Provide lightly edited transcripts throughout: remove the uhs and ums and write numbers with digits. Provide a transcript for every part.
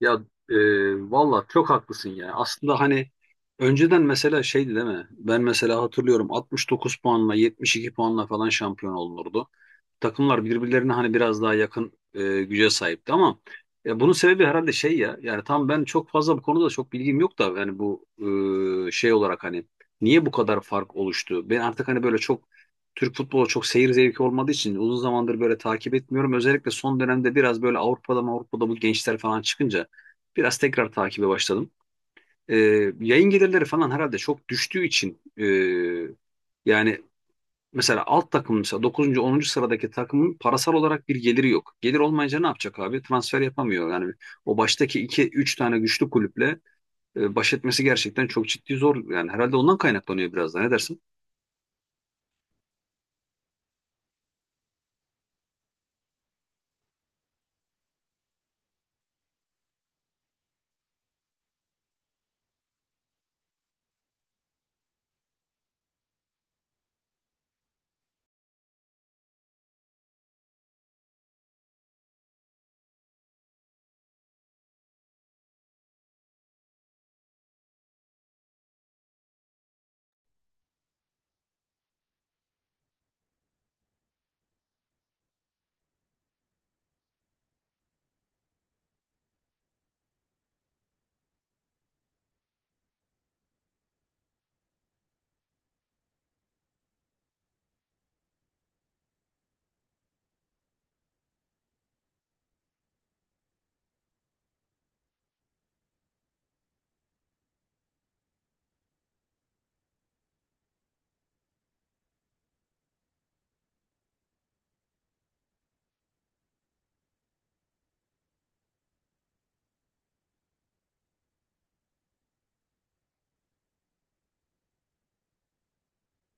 Ya e, Valla çok haklısın ya. Aslında hani önceden mesela şeydi, değil mi? Ben mesela hatırlıyorum 69 puanla 72 puanla falan şampiyon olunurdu, takımlar birbirlerine hani biraz daha yakın güce sahipti. Ama bunun sebebi herhalde şey ya, yani tam ben çok fazla bu konuda çok bilgim yok da, yani bu şey olarak hani niye bu kadar fark oluştu? Ben artık hani böyle çok Türk futbolu, çok seyir zevki olmadığı için uzun zamandır böyle takip etmiyorum. Özellikle son dönemde biraz böyle Avrupa'da bu gençler falan çıkınca biraz tekrar takibe başladım. E, Yayın gelirleri falan herhalde çok düştüğü için, yani mesela alt takım mesela dokuzuncu onuncu sıradaki takımın parasal olarak bir geliri yok. Gelir olmayınca ne yapacak abi? Transfer yapamıyor. Yani o baştaki 2 3 tane güçlü kulüple baş etmesi gerçekten çok ciddi zor. Yani herhalde ondan kaynaklanıyor biraz da. Ne dersin?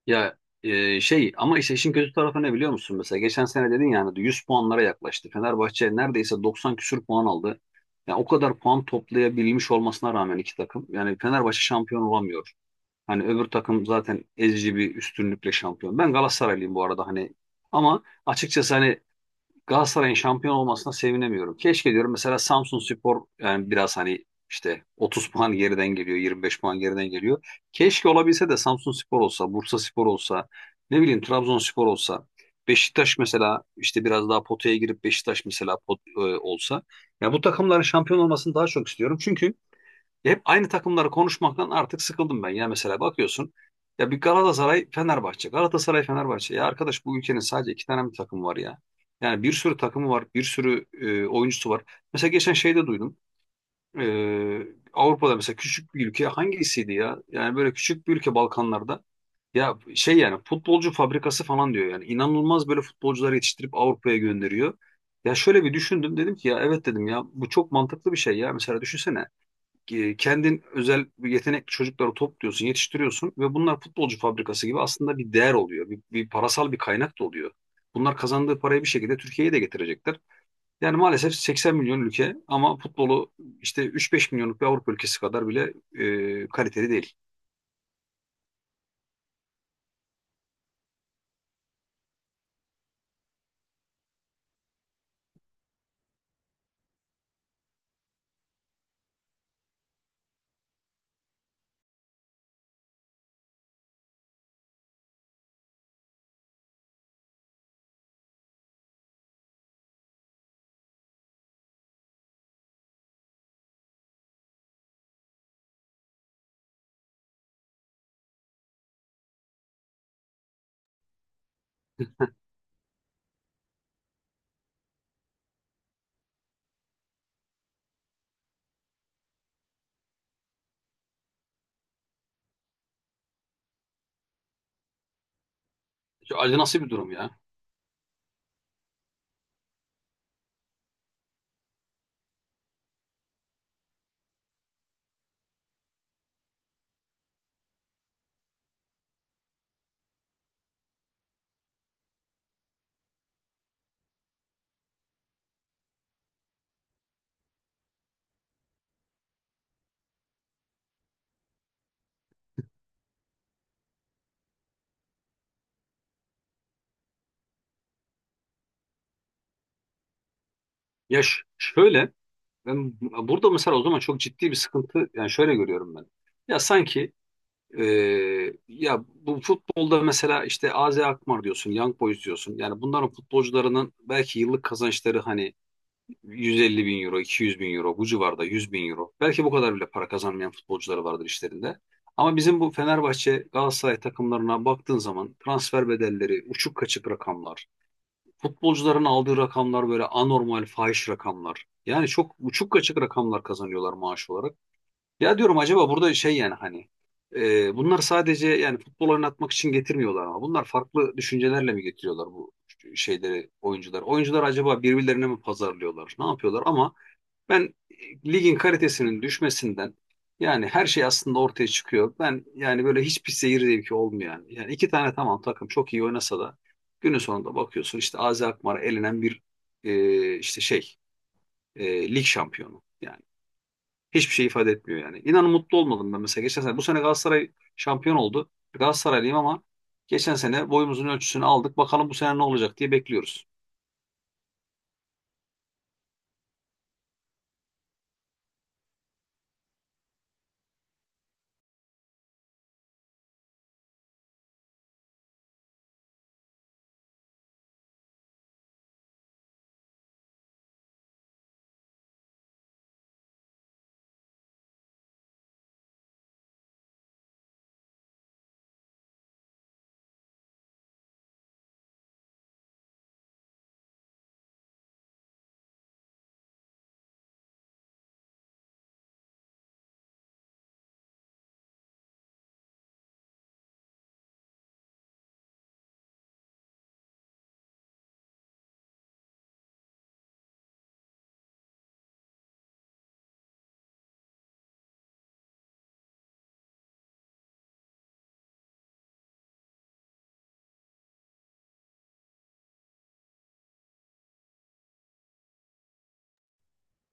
Şey ama işte işin kötü tarafı ne biliyor musun? Mesela geçen sene dedin, yani 100 puanlara yaklaştı. Fenerbahçe neredeyse 90 küsür puan aldı. Yani o kadar puan toplayabilmiş olmasına rağmen iki takım, yani Fenerbahçe şampiyon olamıyor. Hani öbür takım zaten ezici bir üstünlükle şampiyon. Ben Galatasaraylıyım bu arada, hani ama açıkçası hani Galatasaray'ın şampiyon olmasına sevinemiyorum. Keşke diyorum mesela Samsunspor, yani biraz hani işte 30 puan geriden geliyor, 25 puan geriden geliyor. Keşke olabilse de Samsunspor olsa, Bursaspor olsa, ne bileyim Trabzonspor olsa, Beşiktaş mesela işte biraz daha potaya girip Beşiktaş mesela olsa. Ya bu takımların şampiyon olmasını daha çok istiyorum. Çünkü hep aynı takımları konuşmaktan artık sıkıldım ben. Ya mesela bakıyorsun ya bir Galatasaray Fenerbahçe. Galatasaray Fenerbahçe. Ya arkadaş, bu ülkenin sadece iki tane mi takımı var ya? Yani bir sürü takımı var. Bir sürü oyuncusu var. Mesela geçen şeyde duydum. E, Avrupa'da mesela küçük bir ülke hangisiydi ya? Yani böyle küçük bir ülke Balkanlarda. Ya şey, yani futbolcu fabrikası falan diyor, yani inanılmaz böyle futbolcuları yetiştirip Avrupa'ya gönderiyor. Ya şöyle bir düşündüm, dedim ki ya evet, dedim ya bu çok mantıklı bir şey ya. Mesela düşünsene, kendin özel bir yetenekli çocukları topluyorsun, yetiştiriyorsun ve bunlar futbolcu fabrikası gibi aslında bir değer oluyor. Bir parasal bir kaynak da oluyor. Bunlar kazandığı parayı bir şekilde Türkiye'ye de getirecekler. Yani maalesef 80 milyon ülke ama futbolu işte 3-5 milyonluk bir Avrupa ülkesi kadar bile kaliteli değil. Ya acı nasıl bir durum ya? Şöyle, ben burada mesela o zaman çok ciddi bir sıkıntı, yani şöyle görüyorum ben. Ya sanki ya bu futbolda mesela işte AZ Alkmaar diyorsun, Young Boys diyorsun. Yani bunların futbolcularının belki yıllık kazançları hani 150 bin euro, 200 bin euro, bu civarda 100 bin euro. Belki bu kadar bile para kazanmayan futbolcuları vardır işlerinde. Ama bizim bu Fenerbahçe, Galatasaray takımlarına baktığın zaman transfer bedelleri, uçuk kaçık rakamlar, futbolcuların aldığı rakamlar böyle anormal, fahiş rakamlar. Yani çok uçuk kaçık rakamlar kazanıyorlar maaş olarak. Ya diyorum acaba burada şey, yani hani bunlar sadece yani futbol oynatmak için getirmiyorlar ama bunlar farklı düşüncelerle mi getiriyorlar bu şeyleri, oyuncular? Oyuncular acaba birbirlerine mi pazarlıyorlar? Ne yapıyorlar? Ama ben ligin kalitesinin düşmesinden, yani her şey aslında ortaya çıkıyor. Ben yani böyle hiçbir seyir zevki olmayan, yani iki tane tamam takım çok iyi oynasa da günün sonunda bakıyorsun işte Azi Akmar elenen bir e, işte şey lig şampiyonu. Yani hiçbir şey ifade etmiyor yani. İnan mutlu olmadım ben mesela. Geçen sene, bu sene Galatasaray şampiyon oldu. Galatasaraylıyım ama geçen sene boyumuzun ölçüsünü aldık. Bakalım bu sene ne olacak diye bekliyoruz.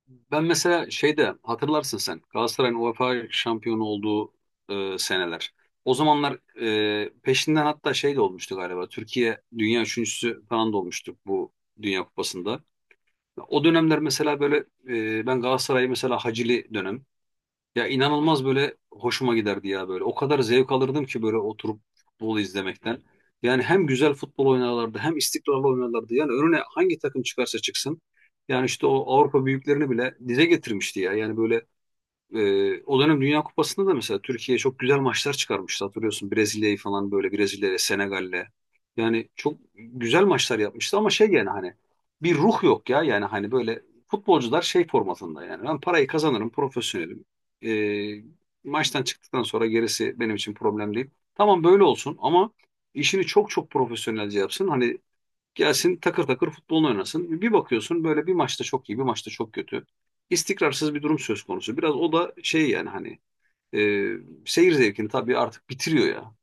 Ben mesela şeyde hatırlarsın, sen Galatasaray'ın UEFA şampiyonu olduğu seneler. O zamanlar peşinden hatta şey de olmuştu galiba. Türkiye dünya üçüncüsü falan da olmuştuk bu Dünya Kupası'nda. O dönemler mesela böyle ben Galatasaray'ı mesela Hacili dönem, ya inanılmaz böyle hoşuma giderdi ya böyle. O kadar zevk alırdım ki böyle oturup futbol izlemekten. Yani hem güzel futbol oynarlardı, hem istikrarlı oynarlardı. Yani önüne hangi takım çıkarsa çıksın. Yani işte o Avrupa büyüklerini bile dize getirmişti ya. Yani böyle o dönem Dünya Kupası'nda da mesela Türkiye çok güzel maçlar çıkarmıştı. Hatırlıyorsun, Brezilya'yı falan, böyle Brezilya'ya, Senegal'le. Yani çok güzel maçlar yapmıştı ama şey, yani hani bir ruh yok ya. Yani hani böyle futbolcular şey formatında, yani ben parayı kazanırım, profesyonelim. Ee, Maçtan çıktıktan sonra gerisi benim için problem değil. Tamam böyle olsun ama işini çok çok profesyonelce yapsın. Hani gelsin takır takır futbolunu oynasın. Bir bakıyorsun böyle bir maçta çok iyi, bir maçta çok kötü. İstikrarsız bir durum söz konusu. Biraz o da şey, yani hani e, seyir zevkini tabii artık bitiriyor ya.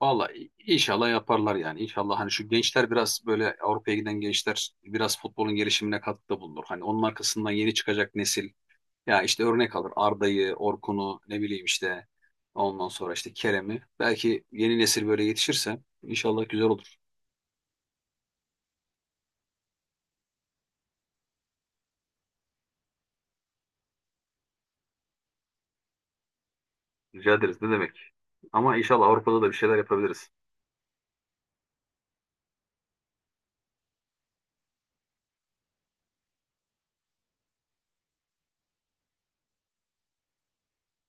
Vallahi inşallah yaparlar yani. İnşallah hani şu gençler, biraz böyle Avrupa'ya giden gençler biraz futbolun gelişimine katkıda bulunur. Hani onun arkasından yeni çıkacak nesil ya işte örnek alır Arda'yı, Orkun'u, ne bileyim işte ondan sonra işte Kerem'i. Belki yeni nesil böyle yetişirse inşallah güzel olur. Rica ederiz, ne demek. Ama inşallah Avrupa'da da bir şeyler yapabiliriz.